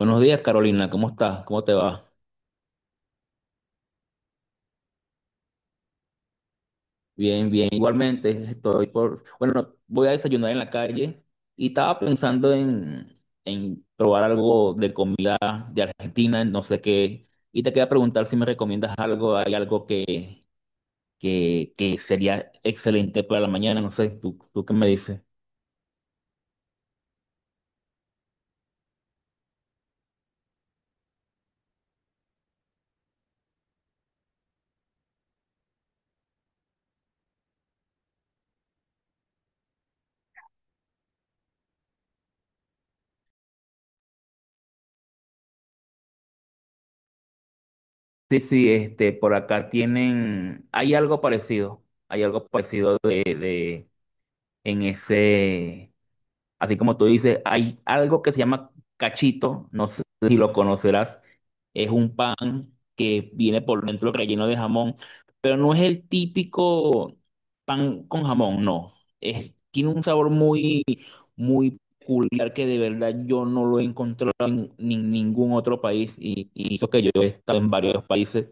Buenos días, Carolina. ¿Cómo estás? ¿Cómo te va? Bien, bien. Igualmente, estoy por... Bueno, voy a desayunar en la calle y estaba pensando en probar algo de comida de Argentina, no sé qué. Y te quería preguntar si me recomiendas algo, hay algo que sería excelente para la mañana, no sé, ¿tú qué me dices? Sí, sí, este, por acá tienen, hay algo parecido en ese, así como tú dices, hay algo que se llama cachito, no sé si lo conocerás, es un pan que viene por dentro relleno de jamón, pero no es el típico pan con jamón, no. Es, tiene un sabor muy, muy peculiar que de verdad yo no lo he encontrado en ningún otro país y eso que yo he estado en varios países,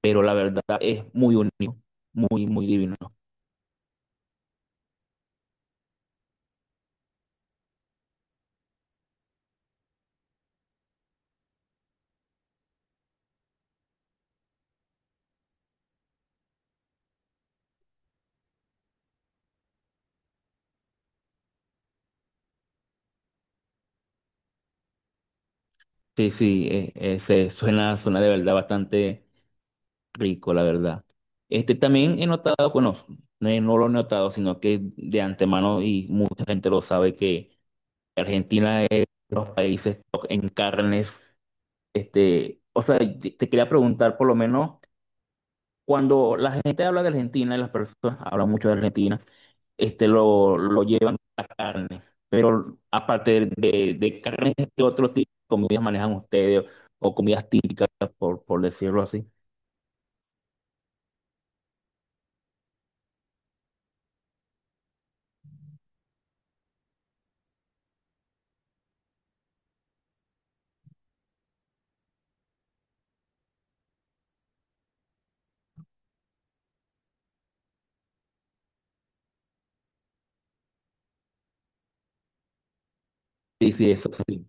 pero la verdad es muy único, muy, muy divino. Sí, sí, suena, suena de verdad bastante rico, la verdad. Este, también he notado, bueno, no, no lo he notado, sino que de antemano y mucha gente lo sabe que Argentina es de los países top en carnes. Este, o sea, te quería preguntar, por lo menos, cuando la gente habla de Argentina, y las personas hablan mucho de Argentina, este, lo llevan a carne. Pero aparte de carnes, ¿qué otro tipo de comidas manejan ustedes o comidas típicas, por decirlo así? Sí, sí, eso sí.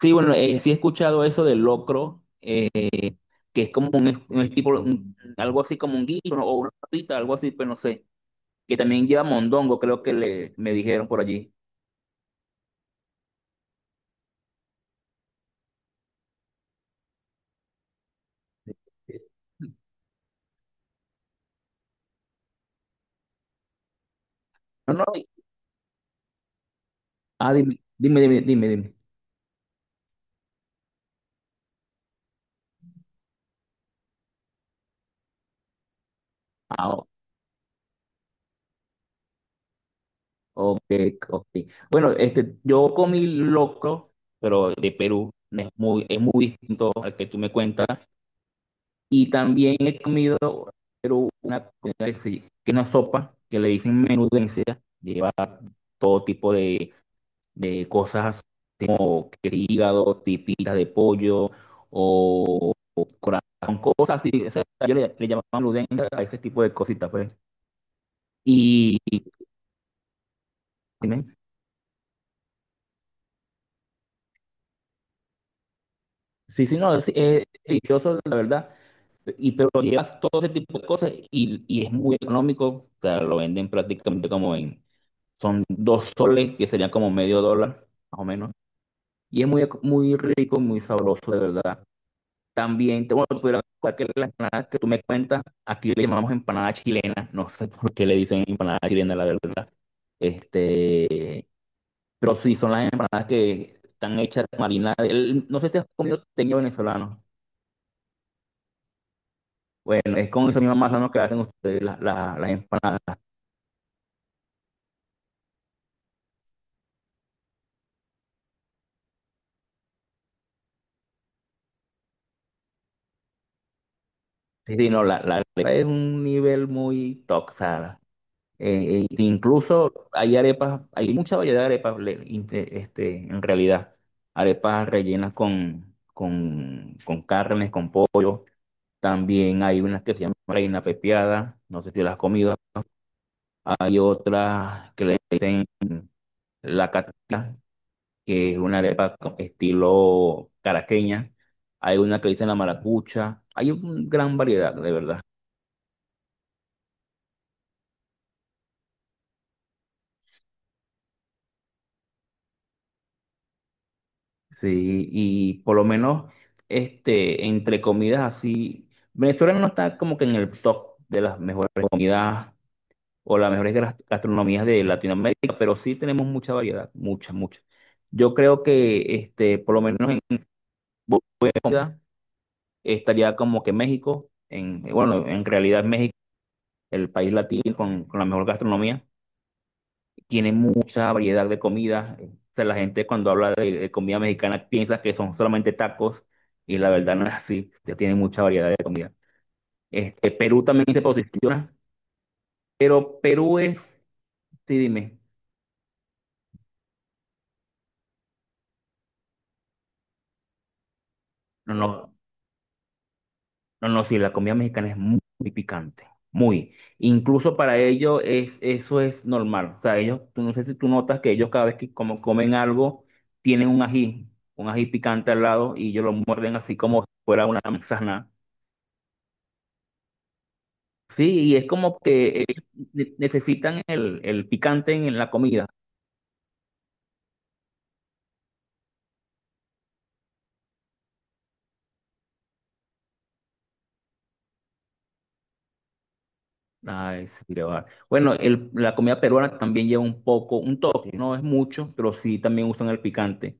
Sí, bueno, sí he escuchado eso del locro, que es como un, un tipo, algo así como un guiso, ¿no? O una patita, algo así, pero no sé, que también lleva mondongo, creo que le, me dijeron por allí. No, no, ah, dime. Ah, ok, ok. Bueno, este, yo comí locro, pero de Perú, es muy distinto al que tú me cuentas. Y también he comido pero una comida que es una sopa que le dicen menudencia, lleva todo tipo de cosas así como que hígado, tipitas de pollo o corazón, cosas así. O sea, le llamo menudencia a ese tipo de cositas, pues. Y, y- sí, sí, no, es delicioso, la verdad. Y pero llevas todo ese tipo de cosas y es muy económico, o sea, lo venden prácticamente como en... Son 2 soles, que serían como medio dólar, más o menos. Y es muy, muy rico, muy sabroso, de verdad. También, te, bueno, te pudiera contar que las empanadas que tú me cuentas, aquí le llamamos empanada chilena. No sé por qué le dicen empanada chilena, la verdad. Este, pero sí, son las empanadas que están hechas de marinada. No sé si has comido teñido venezolano. Bueno, es con esa misma masa, ¿no?, que hacen ustedes las empanadas. Sí, sí, no, la arepa es un nivel muy top, o sea, eh, e incluso hay arepas, hay mucha variedad de arepas este, en realidad. Arepas rellenas con carnes, con pollo. También hay unas que se llaman reina pepiada, no sé si las has comido. Hay otras que le dicen la cata, que es una arepa con estilo caraqueña. Hay una que le dicen la maracucha. Hay una gran variedad, de verdad. Sí, y por lo menos, este, entre comidas así, Venezuela no está como que en el top de las mejores comidas o las mejores gastronomías de Latinoamérica, pero sí tenemos mucha variedad, mucha, mucha. Yo creo que, este, por lo menos en buena comida estaría como que México, en, bueno, en realidad México, el país latino con la mejor gastronomía. Tiene mucha variedad de comida. O sea, la gente cuando habla de comida mexicana piensa que son solamente tacos y la verdad no es así, ya tiene mucha variedad de comida. Este, Perú también se posiciona, pero Perú es, sí, dime, no, no, no, no, sí, la comida mexicana es muy, muy picante, muy. Incluso para ellos es, eso es normal. O sea, ellos, tú no sé si tú notas que ellos cada vez que como comen algo tienen un ají picante al lado y ellos lo muerden así como si fuera una manzana. Sí, y es como que ellos necesitan el picante en la comida. Ay, sí, qué va. Bueno, la comida peruana también lleva un poco, un toque, no es mucho, pero sí también usan el picante.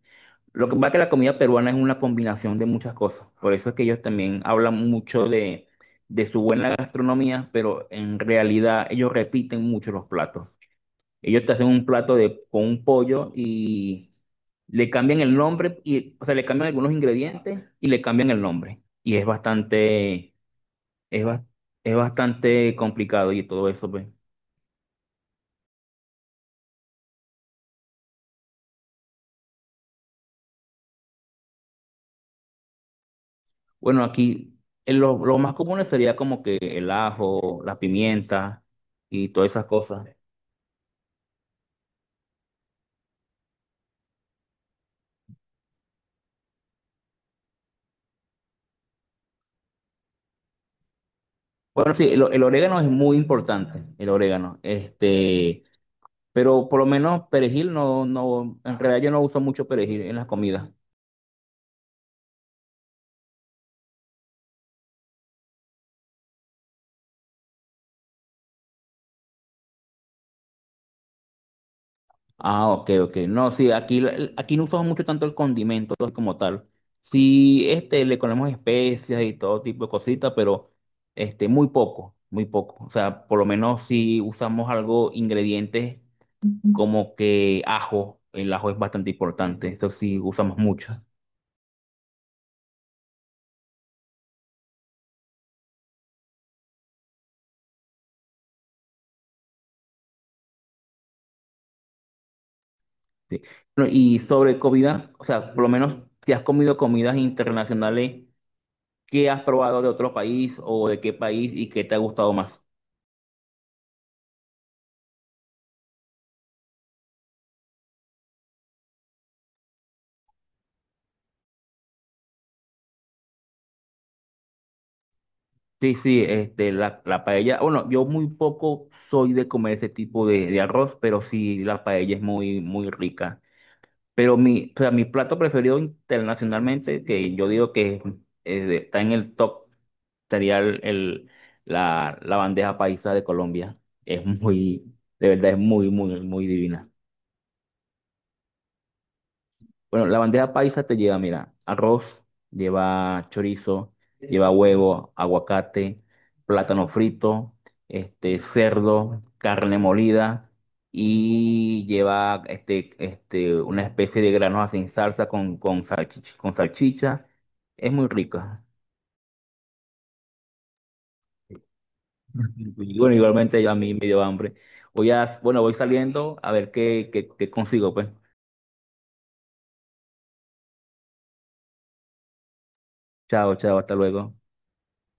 Lo que pasa es que la comida peruana es una combinación de muchas cosas. Por eso es que ellos también hablan mucho de su buena gastronomía, pero en realidad ellos repiten mucho los platos. Ellos te hacen un plato de, con un pollo y le cambian el nombre, o sea, le cambian algunos ingredientes y le cambian el nombre. Y es bastante, es, bas- es bastante complicado y todo eso, pues. Bueno, aquí lo más común sería como que el ajo, la pimienta y todas esas cosas. Bueno, sí, el orégano es muy importante, el orégano. Este, pero por lo menos perejil no, no, en realidad yo no uso mucho perejil en las comidas. Ah, ok, ok. No, sí, aquí, aquí no usamos mucho tanto el condimento como tal. Sí, este, le ponemos especias y todo tipo de cositas, pero este, muy poco, muy poco. O sea, por lo menos si usamos algo, ingredientes... Ujú. Como que ajo, el ajo es bastante importante, eso sí usamos mucho. Sí. Bueno, y sobre comida, o sea, por lo menos si has comido comidas internacionales, ¿qué has probado de otro país o de qué país y qué te ha gustado más? Sí, sí, este, la paella, bueno, yo muy poco soy de comer ese tipo de arroz, pero sí la paella es muy, muy rica. Pero mi, o sea, mi plato preferido internacionalmente, que yo digo que está en el top, sería la bandeja paisa de Colombia. Es muy, de verdad es muy, muy, muy divina. Bueno, la bandeja paisa te lleva, mira, arroz, lleva chorizo, lleva huevo, aguacate, plátano frito, este, cerdo, carne molida y lleva una especie de granos sin salsa con salchicha, con salchicha. Es muy rica. Y bueno, igualmente ya a mí me dio hambre. Voy a, bueno, voy saliendo a ver qué consigo, pues. Chao, chao, hasta luego.